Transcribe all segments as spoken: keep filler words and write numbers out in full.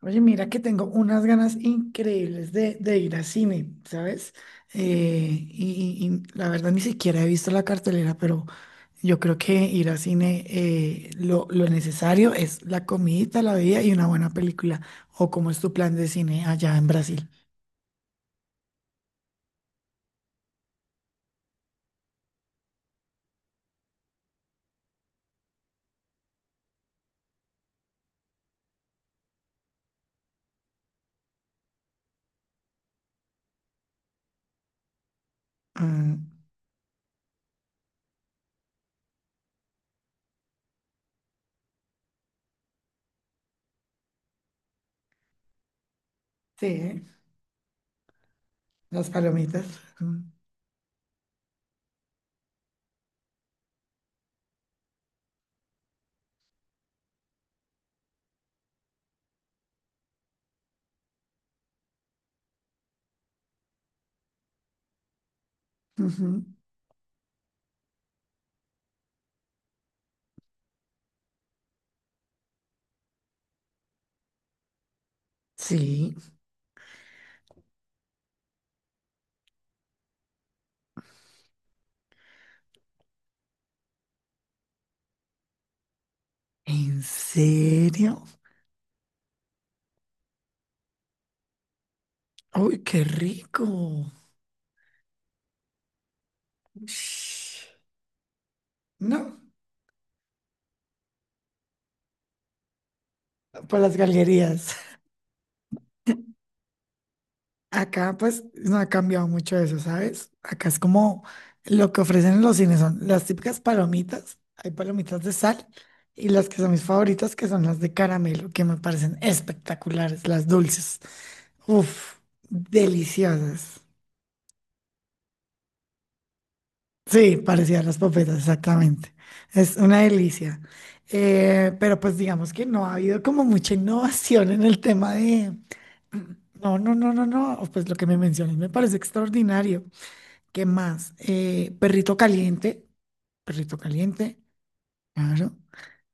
Oye, mira que tengo unas ganas increíbles de, de ir al cine, ¿sabes? Eh, y, y- y la verdad ni siquiera he visto la cartelera, pero yo creo que ir al cine eh, lo, lo necesario es la comidita, la bebida y una buena película. ¿O cómo es tu plan de cine allá en Brasil? Mm. Sí, ¿eh? Las palomitas. Mm, ujú. Sí, ¿en serio? ¡Uy, qué rico! Ush. No, por las galerías. Acá pues no ha cambiado mucho eso, ¿sabes? Acá es como lo que ofrecen en los cines son las típicas palomitas, hay palomitas de sal y las que son mis favoritas que son las de caramelo, que me parecen espectaculares, las dulces. Uf, deliciosas. Sí, parecían las papetas, exactamente. Es una delicia. Eh, pero pues digamos que no ha habido como mucha innovación en el tema de. No, no, no, no, no. Pues lo que me mencionas me parece extraordinario. ¿Qué más? Eh, perrito caliente, perrito caliente, claro,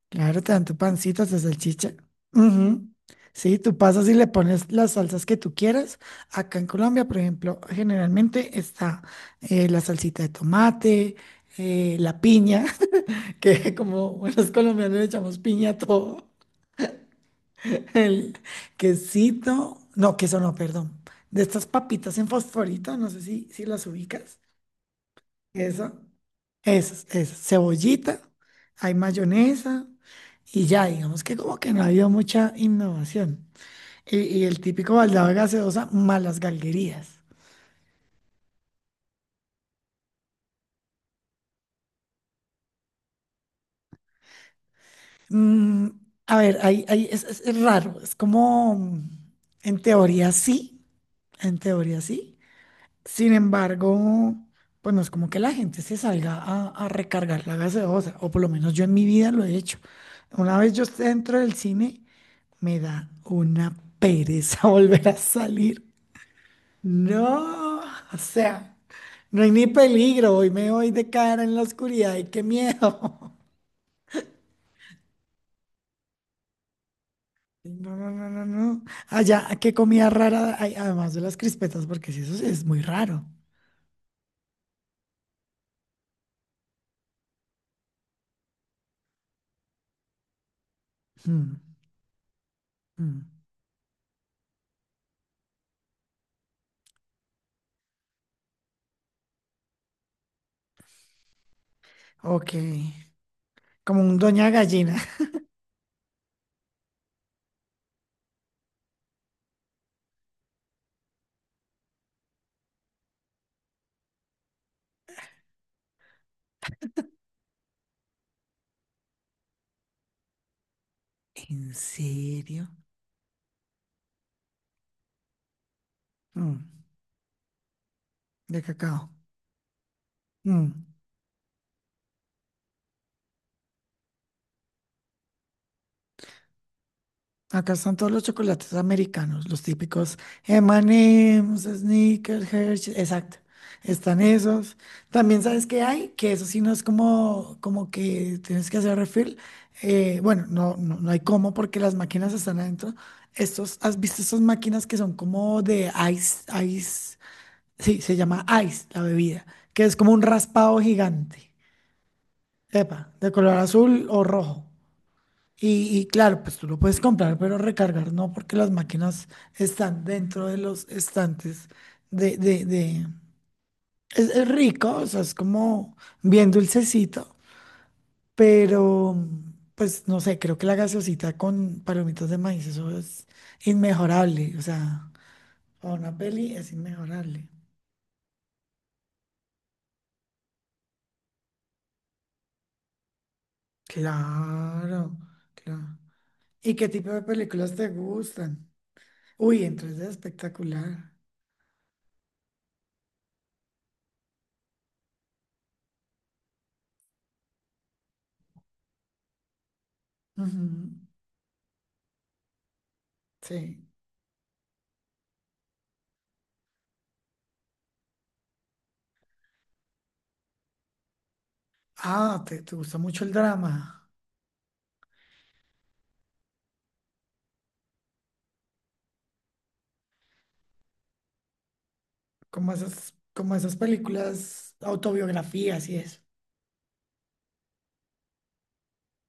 claro, te dan tu pancita, tu salchicha. Ujú. Sí, tú pasas y le pones las salsas que tú quieras. Acá en Colombia, por ejemplo, generalmente está eh, la salsita de tomate, eh, la piña, que como buenos colombianos le echamos piña a todo. El quesito, no, queso no, perdón. De estas papitas en fosforito, no sé si, si las ubicas. Eso. Esas, esas, cebollita, hay mayonesa y ya, digamos que como que no ha habido mucha innovación. Y, y el típico baldado de gaseosa, malas galguerías. Mm, a ver, ahí, ahí es, es- es raro, es como, mm, en teoría sí, en teoría sí. Sin embargo, pues no es como que la gente se salga a, a recargar la gaseosa, o por lo menos yo en mi vida lo he hecho. Una vez yo esté dentro del cine, me da una pereza volver a salir. No, o sea, no hay ni peligro, hoy me voy de cara en la oscuridad y qué miedo. No, no, no, no, no. Allá, qué comida rara hay, además de las crispetas, porque si eso sí es muy raro. Mm, mm. Ok, como un doña gallina. ¿En serio? Mm, de cacao. Mm. Acá están todos los chocolates americanos, los típicos M y M's, Snickers, Hershey's, exacto. Están esos. También sabes que hay, que eso sí no es como, como que tienes que hacer refill. Eh, bueno, no, no, no hay cómo porque las máquinas están adentro. Estos, ¿has visto estas máquinas que son como de ice, ice? Sí, se llama ice la bebida, que es como un raspado gigante. Epa, de color azul o rojo. Y, y claro, pues tú lo puedes comprar, pero recargar no, porque las máquinas están dentro de los estantes de, de, de- Es, es rico, o sea, es como bien dulcecito, pero pues no sé, creo que la gaseosita con palomitas de maíz, eso es inmejorable, o sea, para una peli es inmejorable. Claro, claro. ¿Y qué tipo de películas te gustan? Uy, entonces es espectacular. Ujú. Sí. Ah, te, te gusta mucho el drama. Como esas, como esas películas, autobiografías y eso.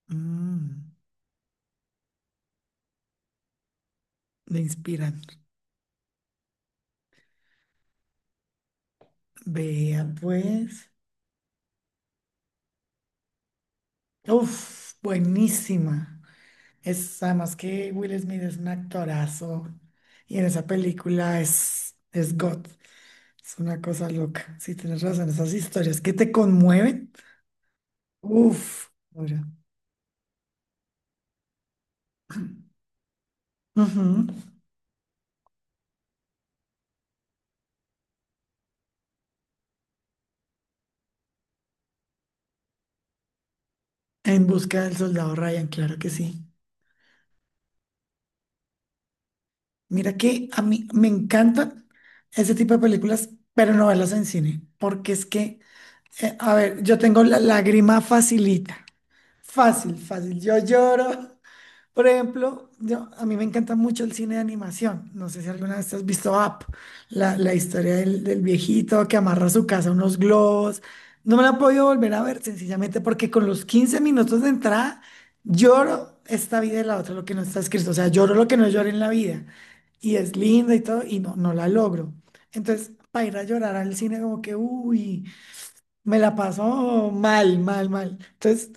Mm, me inspiran. Vea, pues. Uf, buenísima. Es además que Will Smith es un actorazo. Y en esa película es, es God. Es una cosa loca. Sí, tienes razón. Esas historias que te conmueven. Uf, ahora. Ujú. En busca del soldado Ryan, claro que sí. Mira que a mí me encantan ese tipo de películas, pero no verlas en cine, porque es que, eh, a ver, yo tengo la lágrima facilita, fácil, fácil, yo lloro. Por ejemplo, yo- a mí me encanta mucho el cine de animación. No sé si alguna vez has visto Up, la, la historia del, del viejito que amarra a su casa unos globos. No me la he podido volver a ver sencillamente porque con los quince minutos de entrada lloro esta vida y la otra, lo que no está escrito. O sea, lloro lo que no lloré en la vida y es linda y todo, y no, no la logro. Entonces, para ir a llorar al cine, como que, uy, me la paso mal, mal, mal. Entonces,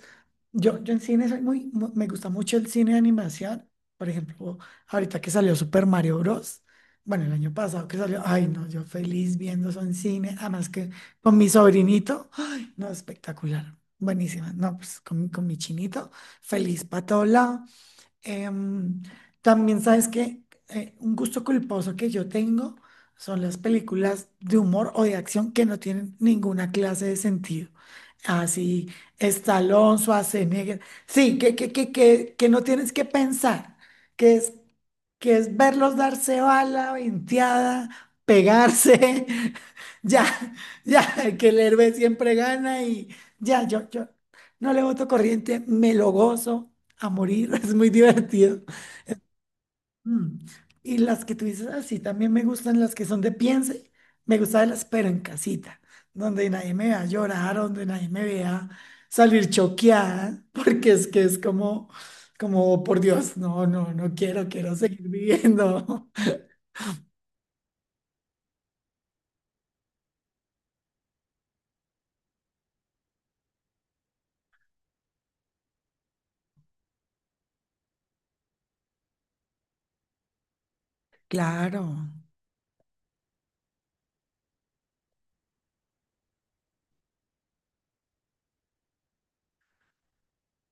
yo, yo en cine soy muy, mu- me gusta mucho el cine de animación. Por ejemplo, ahorita que salió Super Mario Bros. Bueno, el año pasado que salió, ay, no, yo feliz viendo eso en cine, además que con mi sobrinito, ay, no, espectacular, buenísima, no, pues con, mi- con mi chinito, feliz para todo lado. Em, también sabes que eh, un gusto culposo que yo tengo son las películas de humor o de acción que no tienen ninguna clase de sentido. Así, Stallone, Schwarzenegger. Sí, que, que, que, que, que no tienes que pensar, que es, que es verlos darse bala, venteada, pegarse. Ya, ya, que el héroe siempre gana y ya, yo, yo no le voto corriente, me lo gozo a morir, es muy divertido. Mm. Y las que tú dices así, también me gustan las que son de piense, me gustan las pero en casita, donde nadie me vea llorar, donde nadie me vea salir choqueada, porque es que es como, como, "Oh, por Dios, no, no, no quiero, quiero seguir viviendo". Claro,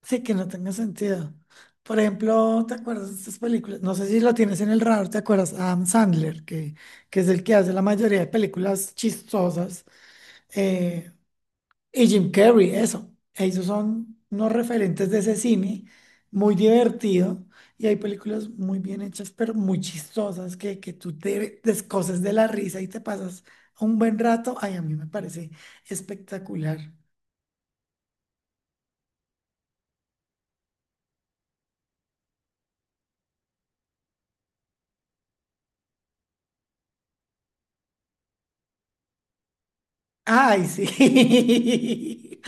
sí que no tenga sentido. Por ejemplo, ¿te acuerdas de estas películas? No sé si lo tienes en el radar, ¿te acuerdas? Adam Sandler, que, que es el que hace la mayoría de películas chistosas eh, y Jim Carrey, eso. Ellos son unos referentes de ese cine, muy divertido, y hay películas muy bien hechas, pero muy chistosas, que, que tú te descoces de la risa y te pasas un buen rato. Ay, a mí me parece espectacular. Ay, sí.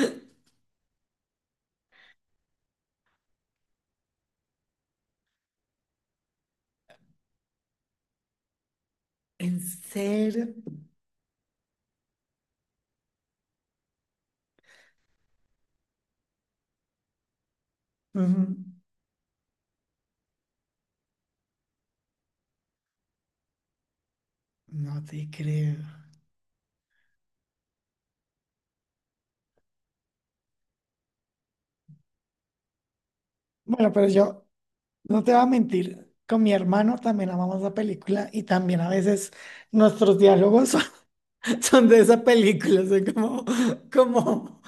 ¿En serio? Ujú. No te creo. Bueno, pero yo no te voy a mentir. Con mi hermano también amamos la película y también a veces nuestros diálogos son de esa película, son como, como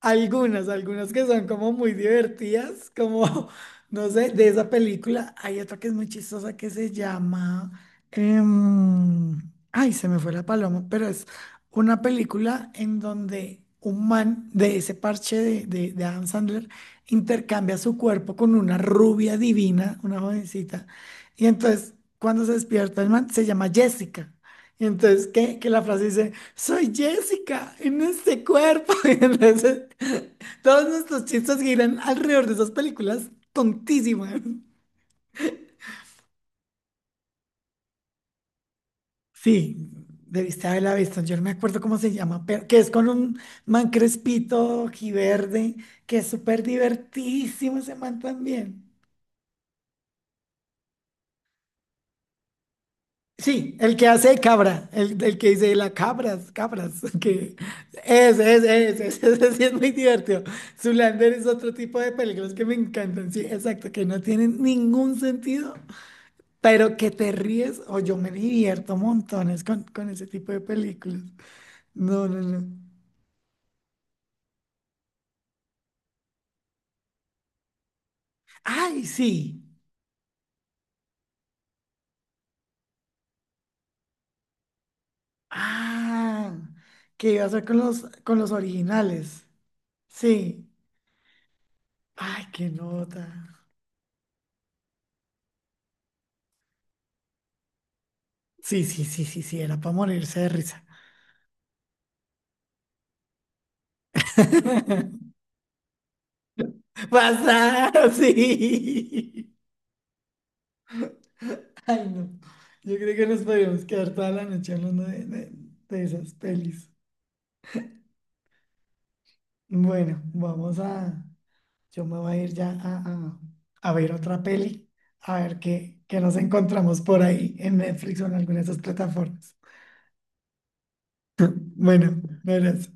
algunas, algunas que son como muy divertidas, como, no sé, de esa película. Hay otra que es muy chistosa que se llama, em, ay, se me fue la paloma, pero es una película en donde un man de ese parche de, de, de Adam Sandler intercambia su cuerpo con una rubia divina, una jovencita, y entonces cuando se despierta el man se llama Jessica. Y entonces, ¿qué? Que la frase dice: Soy Jessica en este cuerpo. Y entonces, todos nuestros chistes giran alrededor de esas películas tontísimas. Sí, debiste haberla visto. Yo no me acuerdo cómo se llama, pero que es con un man crespito, verde que es súper divertísimo ese man también. Sí, el que hace de cabra, el, el que dice la cabras, cabras, que es, es, es, es, ese sí es muy divertido. Zoolander es otro tipo de películas que me encantan, sí, exacto, que no tienen ningún sentido, pero que te ríes o yo me divierto montones con, con ese tipo de películas. No, no, no. Ay, sí. Ah, que iba a ser con los, con los originales. Sí. Ay, qué nota. Sí, sí, sí, sí, sí, era para morirse de risa. Pasar, sí. Ay, no. Yo creo que nos podríamos quedar toda la noche hablando de, de- de esas pelis. Bueno, vamos a. Yo me voy a ir ya a, a, a ver otra peli, a ver qué, qué nos encontramos por ahí en Netflix o en alguna de esas plataformas. Bueno, un abrazo.